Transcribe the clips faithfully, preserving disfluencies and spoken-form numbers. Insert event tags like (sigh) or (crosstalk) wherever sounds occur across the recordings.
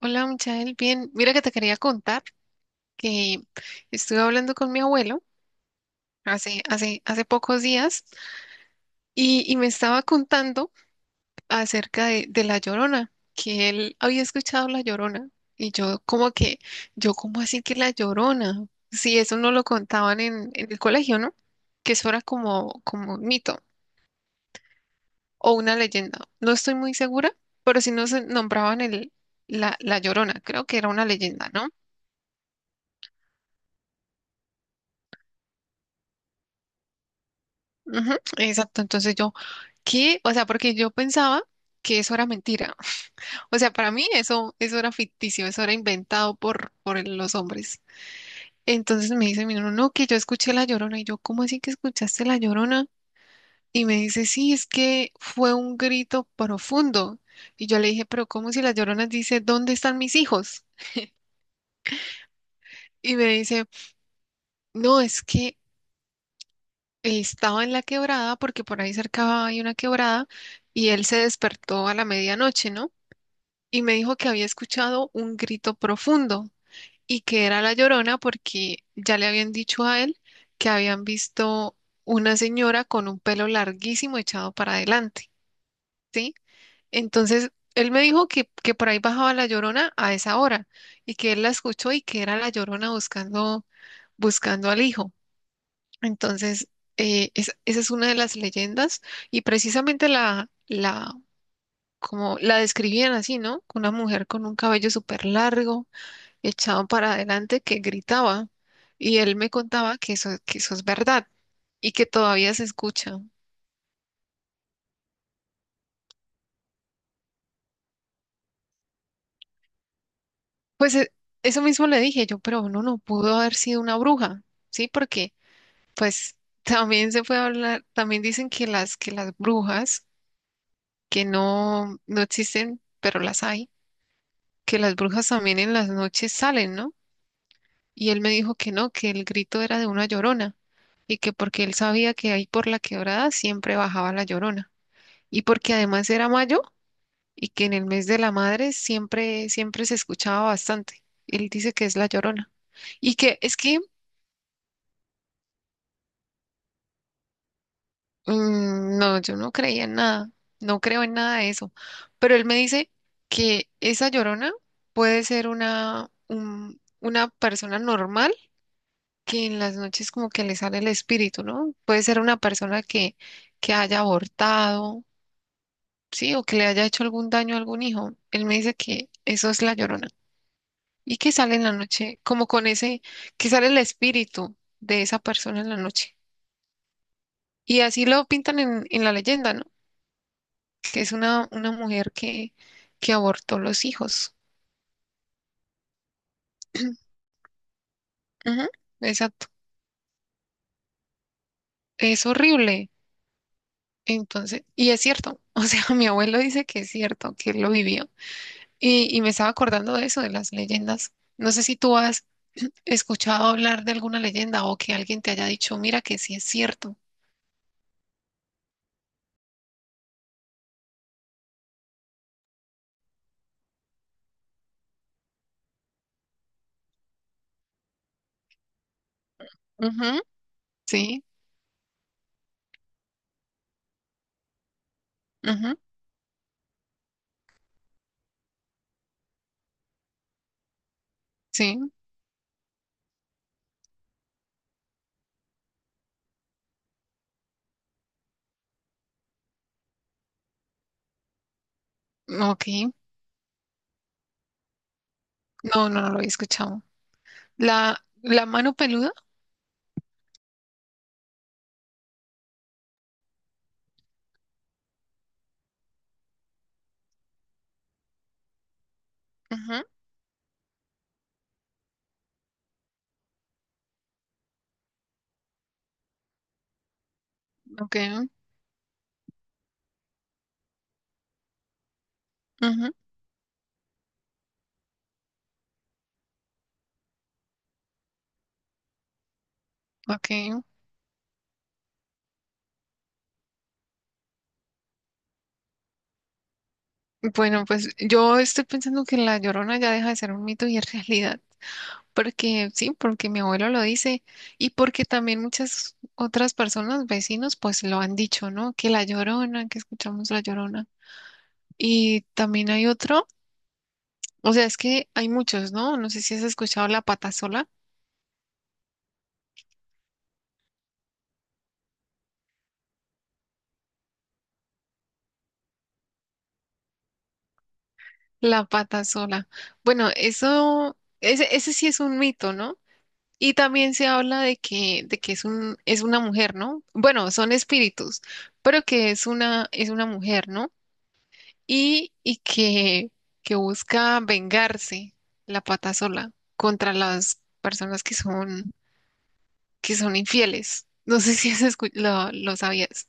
Hola, Michael, bien. Mira que te quería contar que estuve hablando con mi abuelo hace, hace, hace pocos días y, y me estaba contando acerca de, de La Llorona, que él había escuchado La Llorona y yo como que, yo como así que La Llorona, si eso no lo contaban en, en el colegio, ¿no? Que eso era como, como un mito o una leyenda. No estoy muy segura, pero si no se nombraban el, la, La Llorona, creo que era una leyenda, ¿no? Ujú, exacto, entonces yo ¿qué? O sea, porque yo pensaba que eso era mentira. (laughs) O sea, para mí eso, eso era ficticio, eso era inventado por, por los hombres. Entonces me dice mi hermano, no, que yo escuché La Llorona. Y yo, ¿cómo así que escuchaste La Llorona? Y me dice, sí, es que fue un grito profundo. Y yo le dije, pero ¿cómo si La Llorona dice, ¿dónde están mis hijos? Y me dice, no, es que estaba en la quebrada, porque por ahí cerca hay una quebrada, y él se despertó a la medianoche, ¿no? Y me dijo que había escuchado un grito profundo y que era la Llorona porque ya le habían dicho a él que habían visto una señora con un pelo larguísimo echado para adelante, ¿sí? Entonces, él me dijo que, que por ahí bajaba la Llorona a esa hora y que él la escuchó y que era la Llorona buscando, buscando al hijo. Entonces, eh, es- esa es una de las leyendas y precisamente la, la, como la describían así, ¿no? Una mujer con un cabello súper largo echado para adelante que gritaba y él me contaba que eso, que eso es verdad y que todavía se escucha. Pues e- Eso mismo le dije yo, pero uno no pudo haber sido una bruja, ¿sí? Porque pues (laughs) también se puede hablar, también dicen que las, que las brujas, que no, no existen, pero las hay, que las brujas también en las noches salen, ¿no? Y él me dijo que no, que el grito era de una llorona y que porque él sabía que ahí por la quebrada siempre bajaba la llorona. Y porque además era mayo y que en el mes de la madre siempre, siempre se escuchaba bastante. Él dice que es la Llorona. Y que es que, mm, no, yo no creía en nada, no creo en nada de eso. Pero él me dice que esa Llorona puede ser una, un- una persona normal que en las noches como que le sale el espíritu, ¿no? Puede ser una persona que, que haya abortado, sí, o que le haya hecho algún daño a algún hijo. Él me dice que eso es la Llorona. Y que sale en la noche, como con ese, que sale el espíritu de esa persona en la noche. Y así lo pintan en, en la leyenda, ¿no? Que es una, una mujer que, que abortó los hijos. (clears throat) Ujú, exacto. Es horrible. Entonces, y es cierto. (laughs) O sea, mi abuelo dice que es cierto, que él lo vivió. Y, y me estaba acordando de eso, de las leyendas. No sé si tú has (clears throat) escuchado hablar de alguna leyenda o que alguien te haya dicho, mira que sí es cierto. Ujú, sí, ujú, sí. No, ok, no, no, no lo he escuchado. La, la mano peluda. Ujú, ok, ujú, ok. Bueno, pues yo estoy pensando que la Llorona ya deja de ser un mito y es (laughs) realidad. Porque sí, porque mi abuelo lo dice y porque también muchas otras personas, vecinos, pues lo han dicho, ¿no? Que la Llorona, que escuchamos la Llorona. Y también hay otro, o sea, es que hay muchos, ¿no? No sé si has escuchado la pata sola. La pata sola. Bueno, eso, ese, ese sí es un mito, ¿no? Y también se habla de que, de que es un, es una mujer, ¿no? Bueno, son espíritus, pero que es una, es una mujer, ¿no? Y, y que, que busca vengarse la pata sola contra las personas que son, que son infieles. No sé si has escu- lo, lo sabías.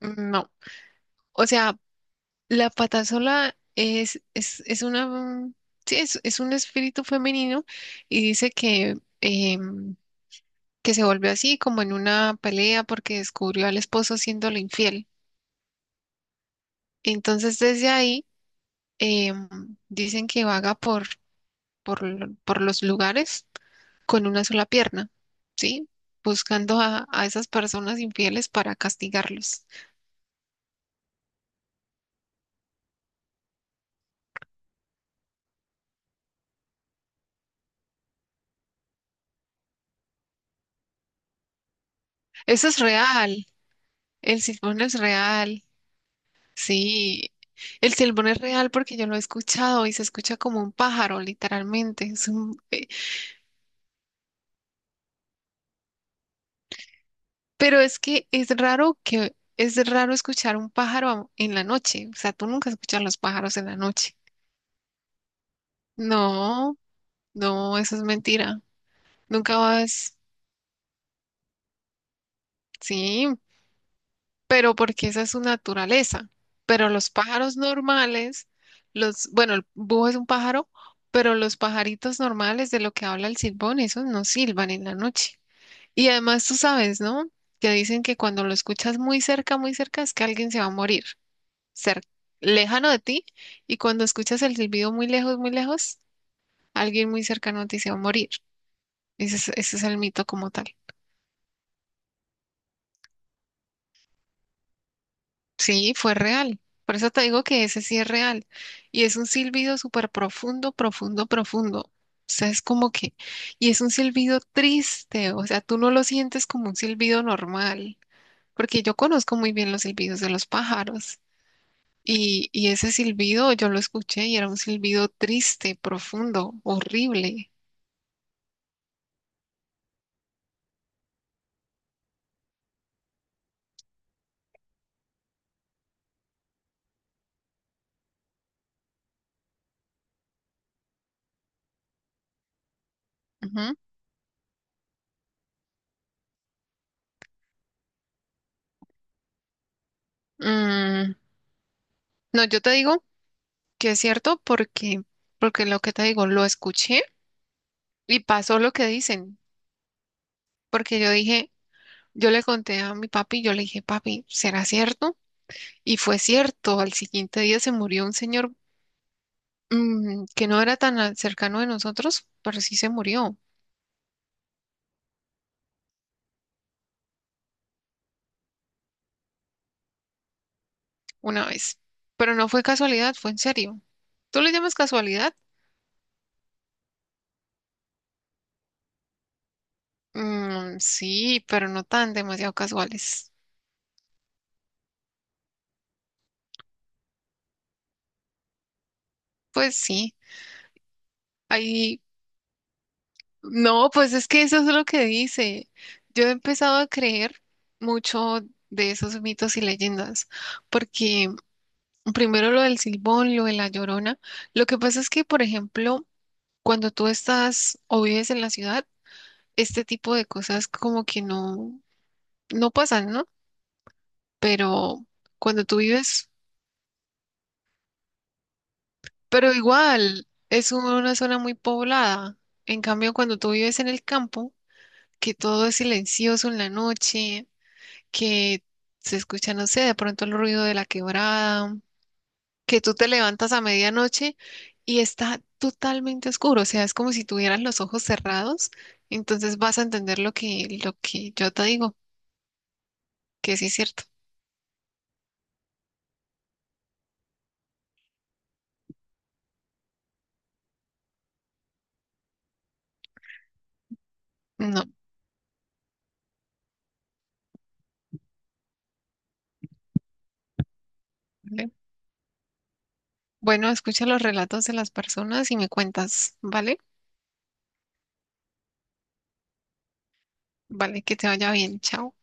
No. O sea, la pata sola es, es, es una, sí, es, es un espíritu femenino y dice que, em, que se volvió así como en una pelea porque descubrió al esposo siéndole infiel. Entonces desde ahí em, dicen que vaga por, por, lo- por los lugares con una sola pierna, ¿sí? Buscando a, a esas personas infieles para castigarlos. Eso es real, el silbón es real, sí. El silbón es real porque yo lo he escuchado y se escucha como un pájaro, literalmente. Es un- eh, Pero es que es raro que es raro escuchar un pájaro a- en la noche. O sea, tú nunca escuchas los pájaros en la noche. No, no, eso es mentira. Nunca vas. Sí, pero porque esa es su naturaleza. Pero los pájaros normales, los, bueno, el búho es un pájaro, pero los pajaritos normales de lo que habla el silbón, esos no silban en la noche. Y además tú sabes, ¿no? Que dicen que cuando lo escuchas muy cerca, muy cerca, es que alguien se va a morir. cer- Lejano de ti y cuando escuchas el silbido muy lejos, muy lejos, alguien muy cercano te dice va a morir. Ese es, ese es el mito como tal. Sí, fue real. Por eso te digo que ese sí es real. Y es un silbido súper profundo, profundo, profundo. O sea, es como que, y es un silbido triste, o sea, tú no lo sientes como un silbido normal, porque yo conozco muy bien los silbidos de los pájaros. Y, y ese silbido yo lo escuché y era un silbido triste, profundo, horrible. Ujú. Mm, no, yo te digo que es cierto porque, porque lo que te digo, lo escuché y pasó lo que dicen, porque yo dije, yo le conté a mi papi, yo le dije, papi, ¿será cierto? Y fue cierto, al siguiente día se murió un señor mm, que no era tan al- cercano de nosotros, pero sí se murió una vez, pero no fue casualidad, fue en serio. ¿Tú le llamas casualidad? Mm, sí, pero no tan demasiado casuales. Pues sí, hay no, pues es que eso es lo que dice. Yo he empezado a creer mucho de esos mitos y leyendas, porque primero lo del Silbón, lo de la Llorona. Lo que pasa es que, por ejemplo, cuando tú estás o vives en la ciudad, este tipo de cosas como que no, no pasan, ¿no? Pero cuando tú vives, pero igual es una zona muy poblada. En cambio, cuando tú vives en el campo, que todo es silencioso en la noche que se escucha, no sé, de pronto el ruido de la quebrada, que tú te levantas a medianoche y está totalmente oscuro, o sea, es como si tuvieras los ojos cerrados, entonces vas a entender lo que, lo que yo te digo, que sí es cierto. No. ¿Vale? Bueno, escucha los relatos de las personas y me cuentas, ¿vale? Vale, que te vaya bien, chao.